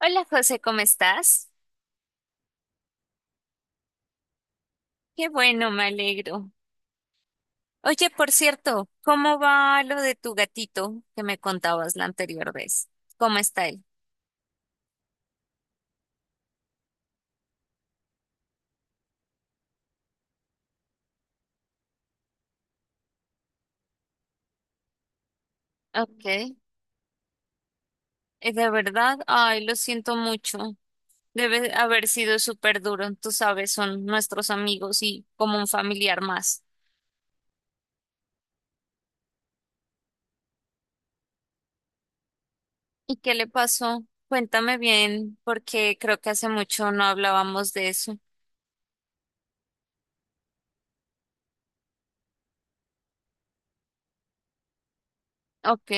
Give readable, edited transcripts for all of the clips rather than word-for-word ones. Hola José, ¿cómo estás? Qué bueno, me alegro. Oye, por cierto, ¿cómo va lo de tu gatito que me contabas la anterior vez? ¿Cómo está él? Ok. De verdad, ay, lo siento mucho. Debe haber sido súper duro. Tú sabes, son nuestros amigos y como un familiar más. ¿Y qué le pasó? Cuéntame bien, porque creo que hace mucho no hablábamos de eso. Ok,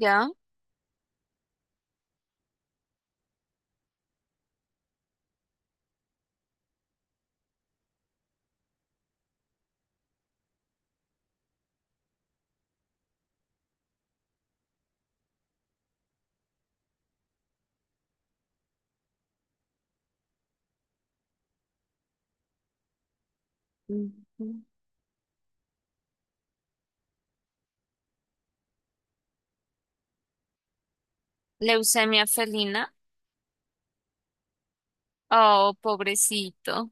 ya. Ujú. Leucemia felina. Oh, pobrecito.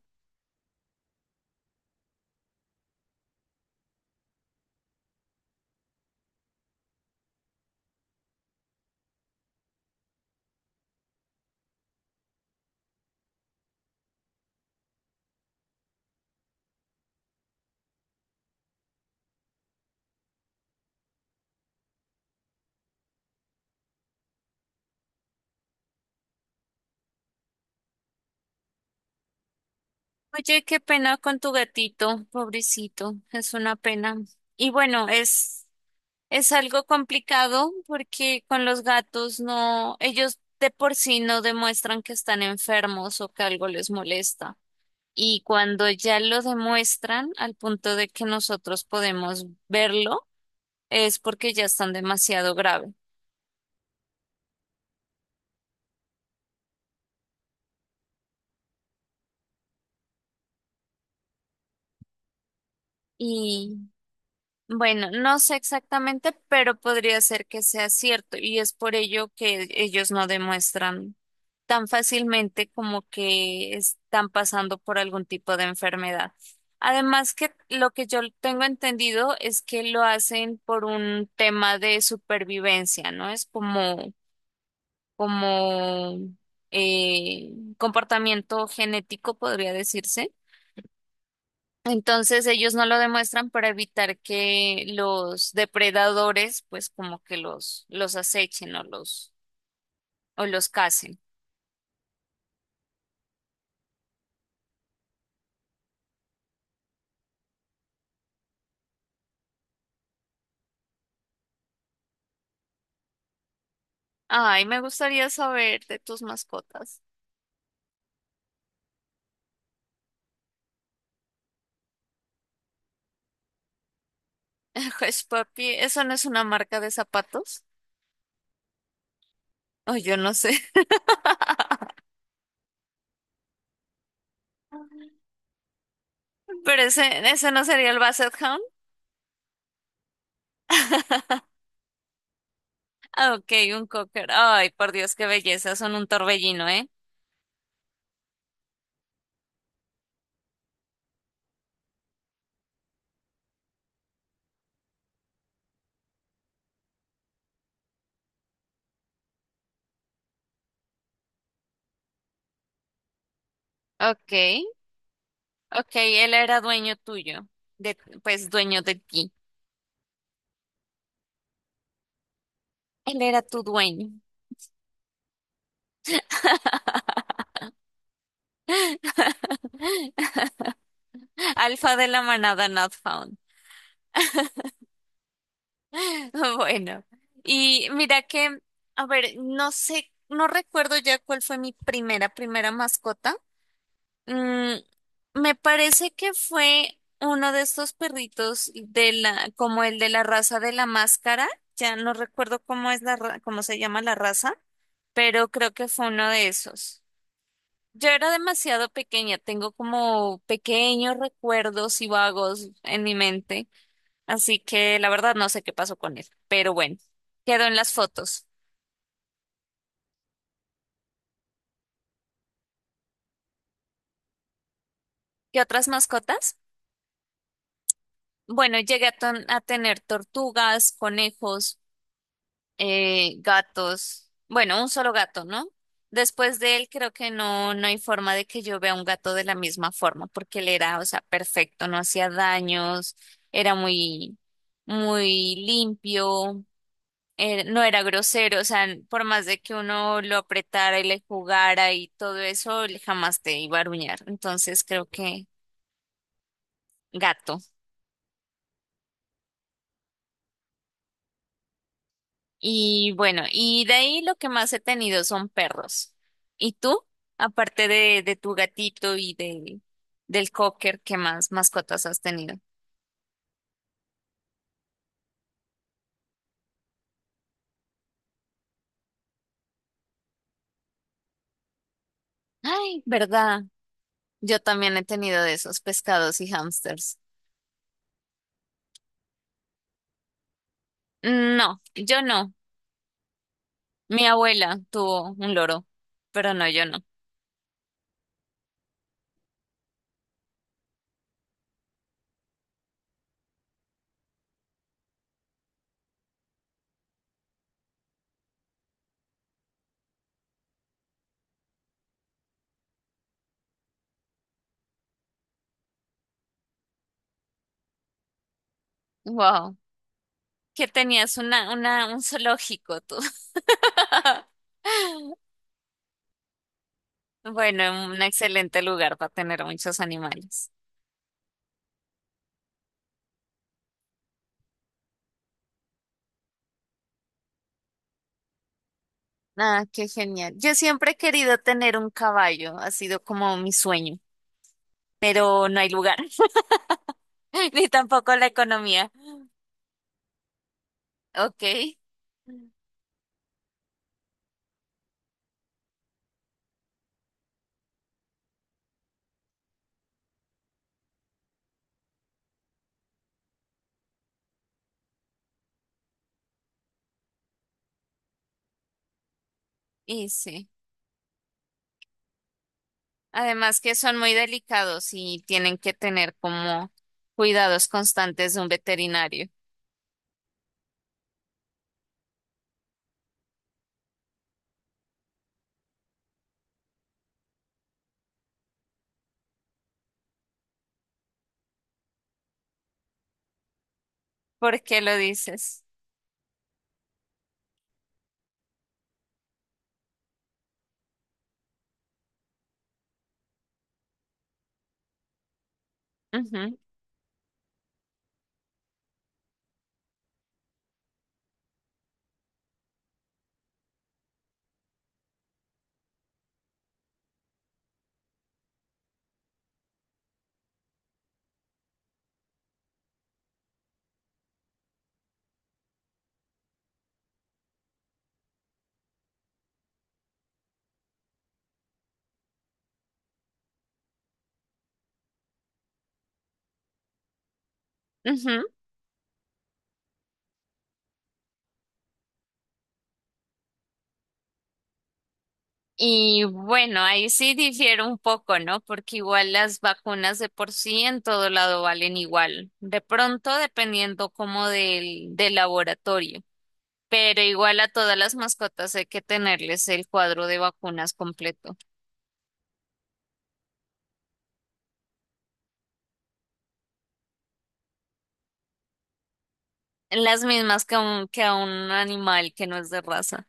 Oye, qué pena con tu gatito, pobrecito, es una pena. Y es algo complicado porque con los gatos no, ellos de por sí no demuestran que están enfermos o que algo les molesta. Y cuando ya lo demuestran, al punto de que nosotros podemos verlo, es porque ya están demasiado grave. Bueno, no sé exactamente, pero podría ser que sea cierto y es por ello que ellos no demuestran tan fácilmente como que están pasando por algún tipo de enfermedad. Además que lo que yo tengo entendido es que lo hacen por un tema de supervivencia, ¿no? Es como, como eh, comportamiento genético, podría decirse entonces ellos no lo demuestran para evitar que los depredadores pues como que los acechen o los casen. Ay, me gustaría saber de tus mascotas. Hush Papi, ¿eso no es una marca de zapatos? O yo no sé. Pero ese no sería el Basset Hound. Ah, Ok, un cocker. Ay, por Dios, qué belleza. Son un torbellino, ¿eh? Ok, ok, él era dueño tuyo. De, pues dueño de ti. Él era tu dueño. Alfa de la manada not found. Bueno, y mira que, a ver, no sé, no recuerdo ya cuál fue mi primera mascota. Mm, me parece que fue uno de estos perritos de la, como el de la raza de la máscara. Ya no recuerdo cómo es cómo se llama la raza, pero creo que fue uno de esos. Yo era demasiado pequeña, tengo como pequeños recuerdos y vagos en mi mente, así que la verdad no sé qué pasó con él, pero bueno, quedó en las fotos. ¿Qué otras mascotas? Bueno, a tener tortugas, conejos, gatos, bueno, un solo gato, ¿no? Después de él creo que no, no hay forma de que yo vea un gato de la misma forma, porque él era, o sea, perfecto, no hacía daños, era muy limpio. Eh, no era grosero, o sea, por más de que uno lo apretara y le jugara y todo eso, él jamás te iba a aruñar. Entonces creo que gato. Y bueno, y de ahí lo que más he tenido son perros. ¿Y tú? Aparte de tu gatito y de, del cocker, ¿qué más mascotas has tenido? Ay, ¿verdad? Yo también he tenido de esos pescados y hámsters. No, yo no. Mi abuela tuvo un loro, pero no, yo no. Wow. ¿Qué tenías una, un zoológico tú? Bueno, un excelente lugar para tener muchos animales. Ah, qué genial. Yo siempre he querido tener un caballo, ha sido como mi sueño, pero no hay lugar, ni tampoco la economía. Ok, y sí. Además que son muy delicados y tienen que tener como cuidados constantes de un veterinario. ¿Por qué lo dices? Ujú, ujú. Y bueno, ahí sí difiere un poco, ¿no? Porque igual las vacunas de por sí en todo lado valen igual. De pronto, dependiendo como del laboratorio. Pero igual a todas las mascotas hay que tenerles el cuadro de vacunas completo. Las mismas que a un animal que no es de raza.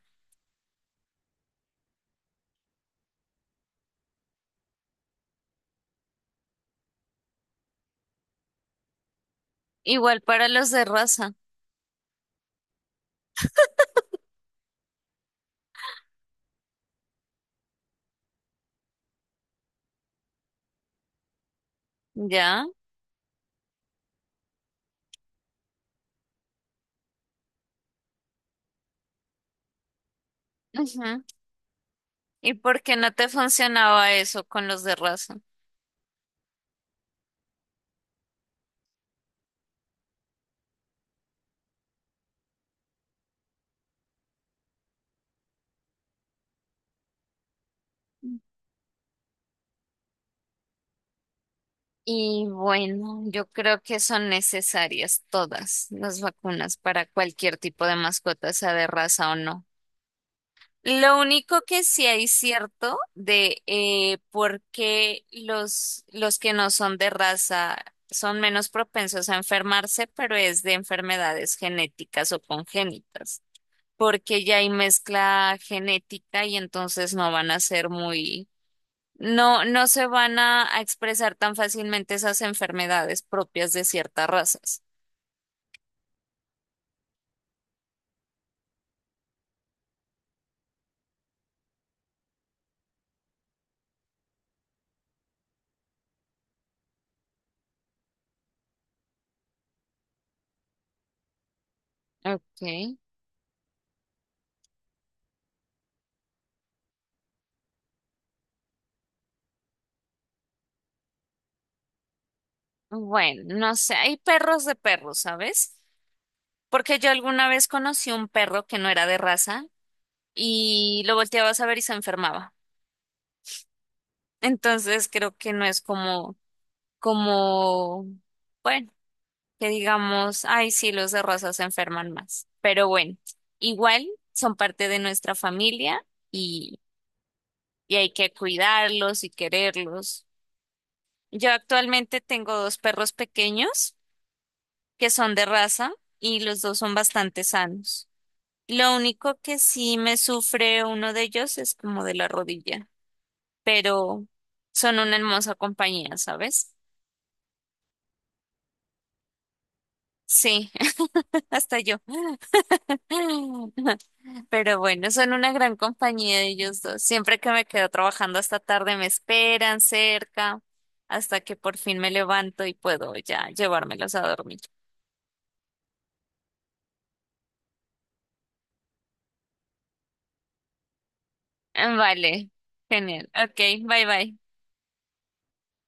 Igual para los de raza, ¿ya? Ujú. ¿Y por qué no te funcionaba eso con los de raza? Y bueno, yo creo que son necesarias todas las vacunas para cualquier tipo de mascota, sea de raza o no. Lo único que sí hay cierto de por qué los que no son de raza son menos propensos a enfermarse, pero es de enfermedades genéticas o congénitas, porque ya hay mezcla genética y entonces no van a ser muy no, no se van a expresar tan fácilmente esas enfermedades propias de ciertas razas. Ok. Bueno, no sé, hay perros de perros, ¿sabes? Porque yo alguna vez conocí un perro que no era de raza y lo volteabas a ver y se enfermaba. Entonces creo que no es como, como, bueno, que digamos, ay, sí, los de raza se enferman más. Pero bueno, igual son parte de nuestra familia y hay que cuidarlos y quererlos. Yo actualmente tengo dos perros pequeños que son de raza y los dos son bastante sanos. Lo único que sí me sufre uno de ellos es como de la rodilla, pero son una hermosa compañía, ¿sabes? Sí, hasta yo. Pero bueno, son una gran compañía ellos dos. Siempre que me quedo trabajando hasta tarde me esperan cerca hasta que por fin me levanto y puedo ya llevármelos a dormir. Vale, genial. Ok, bye bye.